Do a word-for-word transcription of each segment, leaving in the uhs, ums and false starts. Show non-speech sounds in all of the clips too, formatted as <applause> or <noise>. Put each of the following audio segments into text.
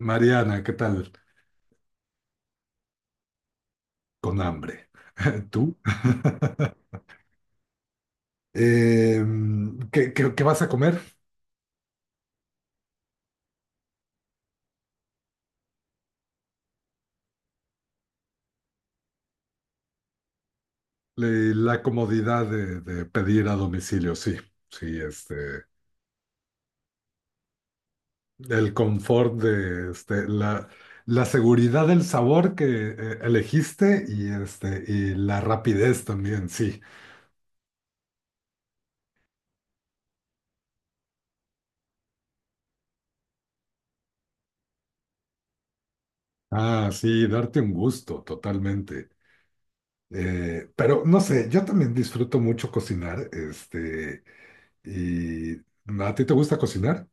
Mariana, ¿qué tal? Con hambre. <laughs> ¿Tú? <laughs> Em, ¿qué, qué- qué vas a comer? Le- La comodidad de, de pedir a domicilio, sí. Sí, este, el confort de este, la, la seguridad del sabor que eh, elegiste y, este, y la rapidez también, sí. Ah, sí, darte un gusto, totalmente. Eh, pero no sé, yo también disfruto mucho cocinar, este, y ¿a ti te gusta cocinar?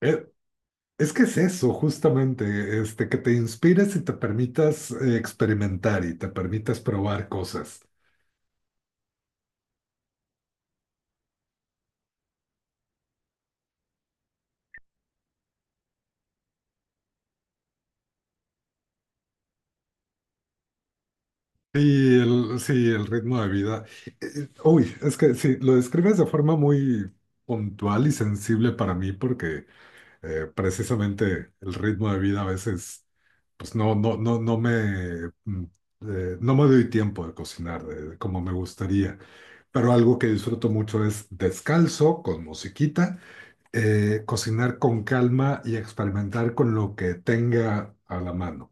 Eh, Es que es eso, justamente, este, que te inspires y te permitas eh, experimentar y te permitas probar cosas. Y el, sí, el ritmo de vida. eh, Uy, es que sí, lo describes de forma muy puntual y sensible para mí porque eh, precisamente el ritmo de vida a veces, pues no, no, no, no me, mm, eh, no me doy tiempo de cocinar eh, como me gustaría. Pero algo que disfruto mucho es descalzo, con musiquita eh, cocinar con calma y experimentar con lo que tenga a la mano.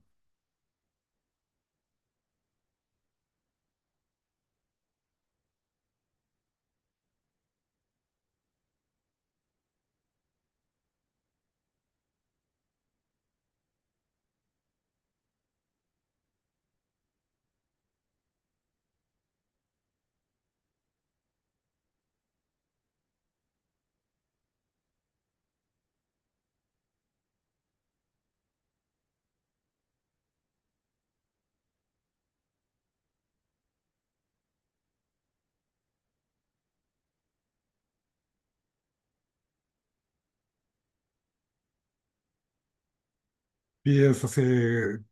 Y es así,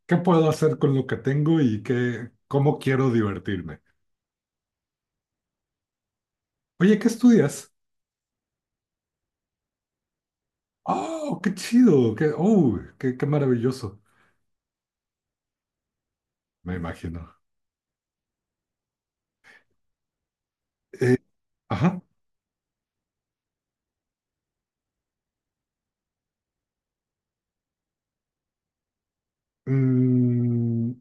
¿qué puedo hacer con lo que tengo y qué, cómo quiero divertirme? Oye, ¿qué estudias? Oh, qué chido, qué, oh, qué, qué maravilloso, me imagino. Eh, ajá. Mm,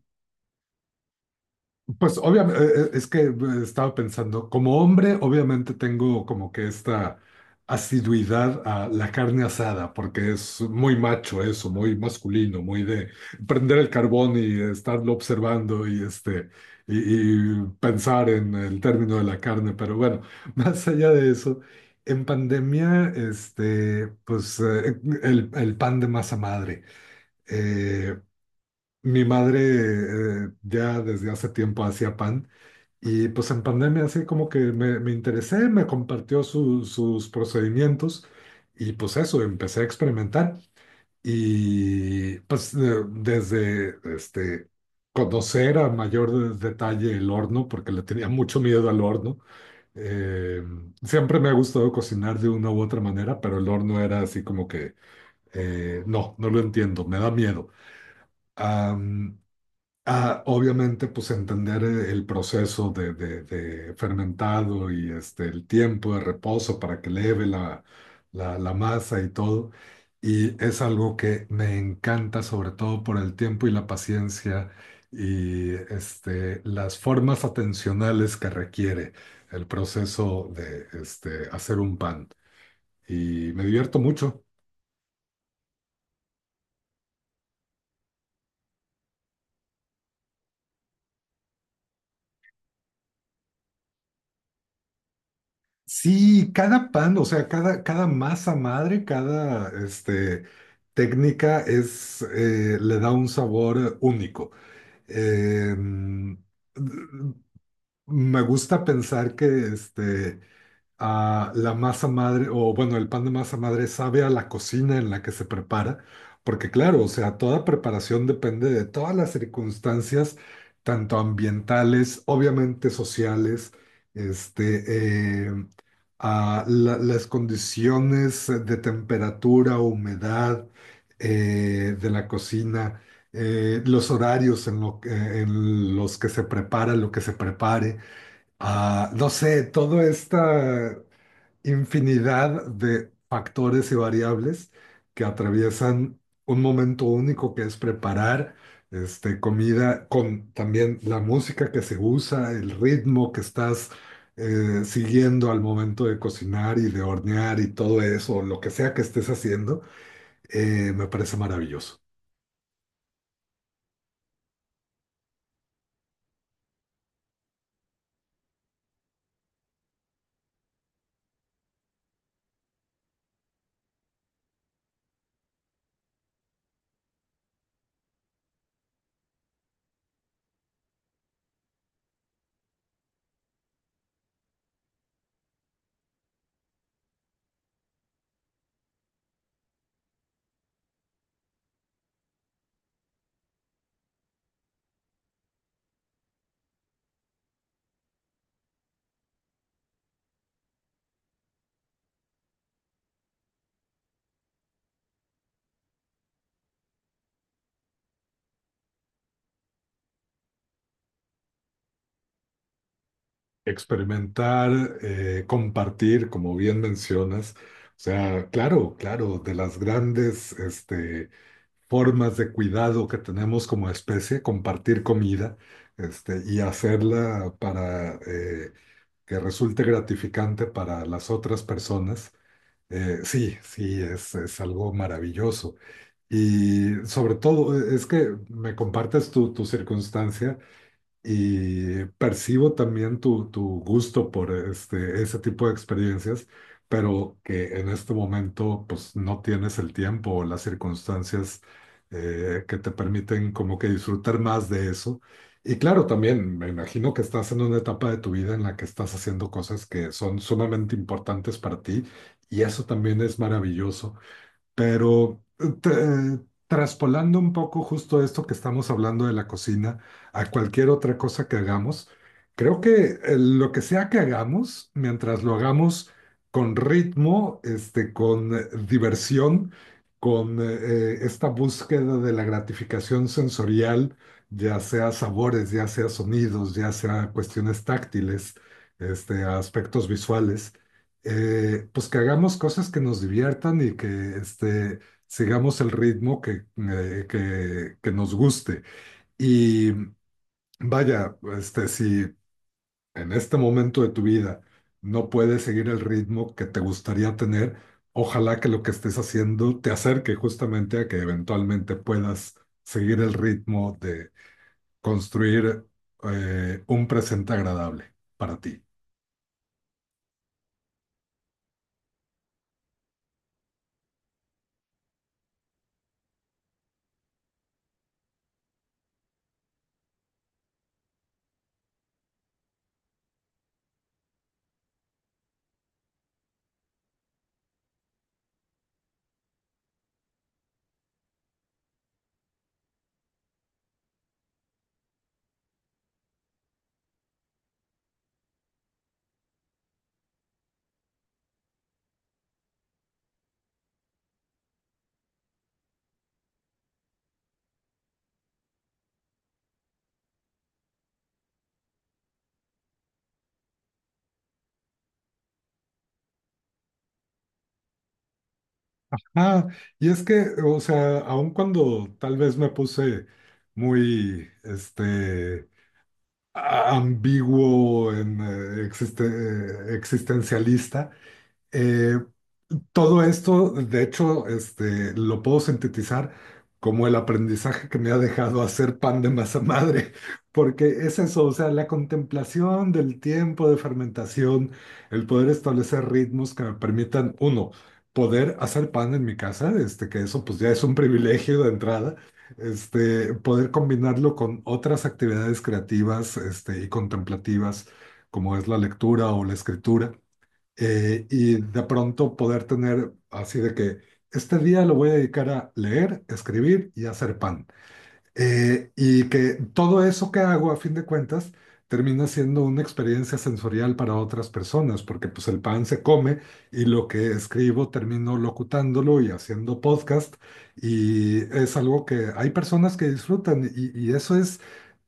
Pues obviamente, es que eh, estaba pensando, como hombre, obviamente tengo como que esta asiduidad a la carne asada, porque es muy macho eso, muy masculino, muy de prender el carbón y estarlo observando y este y, y pensar en el término de la carne. Pero bueno, <laughs> más allá de eso, en pandemia, este, pues eh, el, el pan de masa madre. Eh, mi madre eh, ya desde hace tiempo hacía pan. Y pues en pandemia así como que me, me interesé, me compartió su- sus procedimientos y pues eso, empecé a experimentar. Y pues de- desde este, conocer a mayor de- detalle el horno, porque le tenía mucho miedo al horno. Eh, siempre me ha gustado cocinar de una u otra manera, pero el horno era así como que, eh, no, no lo entiendo, me da miedo. Ah, obviamente, pues entender eh, el proceso de, de- de fermentado y este, el tiempo de reposo para que leve la, la, la masa y todo. Y es algo que me encanta, sobre todo por el tiempo y la paciencia y este, las formas atencionales que requiere el proceso de este, hacer un pan. Y me divierto mucho. Sí, cada pan, o sea, cada, cada masa madre, cada este, técnica es, eh, le da un sabor único. Eh, mm, me gusta pensar que este, a la masa madre, o bueno, el pan de masa madre sabe a la cocina en la que se prepara, porque claro, o sea, toda preparación depende de todas las circunstancias, tanto ambientales, obviamente sociales, este, eh, a la- las condiciones de temperatura, humedad eh, de la cocina. Eh, los horarios en, lo- eh, en los que se prepara, lo que se prepare, ah, no sé, toda esta infinidad de factores y variables que atraviesan un momento único que es preparar este, comida con también la música que se usa, el ritmo que estás eh, siguiendo al momento de cocinar y de hornear y todo eso, lo que sea que estés haciendo, eh, me parece maravilloso. Experimentar, eh, compartir, como bien mencionas. O sea, claro, claro, de las grandes este, formas de cuidado que tenemos como especie, compartir comida este, y hacerla para eh, que resulte gratificante para las otras personas. Eh, sí, sí, es, es algo maravilloso. Y sobre todo, eh, es que me compartes tu, tu circunstancia y percibo también tu, tu gusto por este, ese tipo de experiencias, pero que en este momento pues no tienes el tiempo o las circunstancias eh, que te permiten como que disfrutar más de eso. Y claro, también me imagino que estás en una etapa de tu vida en la que estás haciendo cosas que son sumamente importantes para ti y eso también es maravilloso. Pero tra- eh, traspolando un poco justo esto que estamos hablando de la cocina a cualquier otra cosa que hagamos, creo que eh, lo que sea que hagamos, mientras lo hagamos con ritmo, este, con eh, diversión, con eh, eh, esta búsqueda de la gratificación sensorial, ya sea sabores, ya sea sonidos, ya sea cuestiones táctiles, este, aspectos visuales eh, pues que hagamos cosas que nos diviertan y que este, sigamos el ritmo que, eh, que, que nos guste. Y vaya, este, si en este momento de tu vida no puedes seguir el ritmo que te gustaría tener, ojalá que lo que estés haciendo te acerque justamente a que eventualmente puedas seguir el ritmo de construir eh, un presente agradable para ti. Ah, y es que, o sea, aun cuando tal vez me puse muy, este, a- ambiguo en eh, existe- eh, existencialista, eh, todo esto, de hecho, este, lo puedo sintetizar como el aprendizaje que me ha dejado hacer pan de masa madre, <laughs> porque es eso, o sea, la contemplación del tiempo de fermentación, el poder establecer ritmos que me permitan, uno, poder hacer pan en mi casa, este, que eso pues ya es un privilegio de entrada, este, poder combinarlo con otras actividades creativas, este, y contemplativas, como es la lectura o la escritura eh, y de pronto poder tener así de que este día lo voy a dedicar a leer, escribir y hacer pan. Eh, y que todo eso que hago, a fin de cuentas, termina siendo una experiencia sensorial para otras personas, porque pues el pan se come y lo que escribo termino locutándolo y haciendo podcast y es algo que hay personas que disfrutan y, y eso es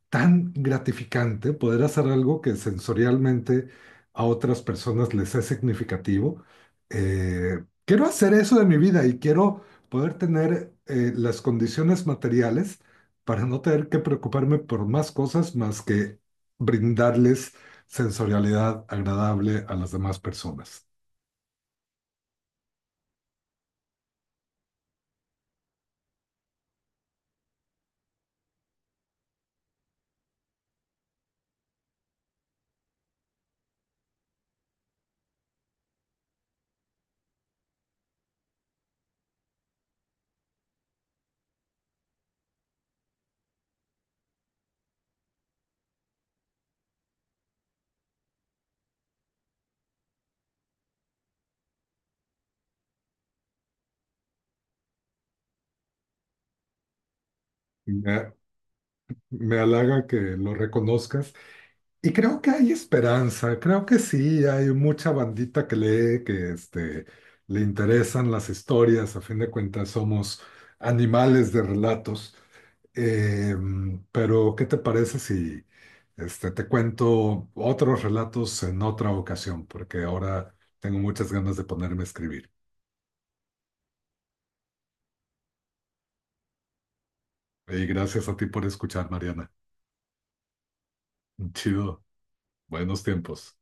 tan gratificante poder hacer algo que sensorialmente a otras personas les es significativo. Eh, quiero hacer eso de mi vida y quiero poder tener eh, las condiciones materiales para no tener que preocuparme por más cosas más que brindarles sensorialidad agradable a las demás personas. Me, me halaga que lo reconozcas. Y creo que hay esperanza, creo que sí, hay mucha bandita que lee, que este, le interesan las historias, a fin de cuentas somos animales de relatos. Eh, pero, ¿qué te parece si este, te cuento otros relatos en otra ocasión? Porque ahora tengo muchas ganas de ponerme a escribir. Y gracias a ti por escuchar, Mariana. Chido, buenos tiempos.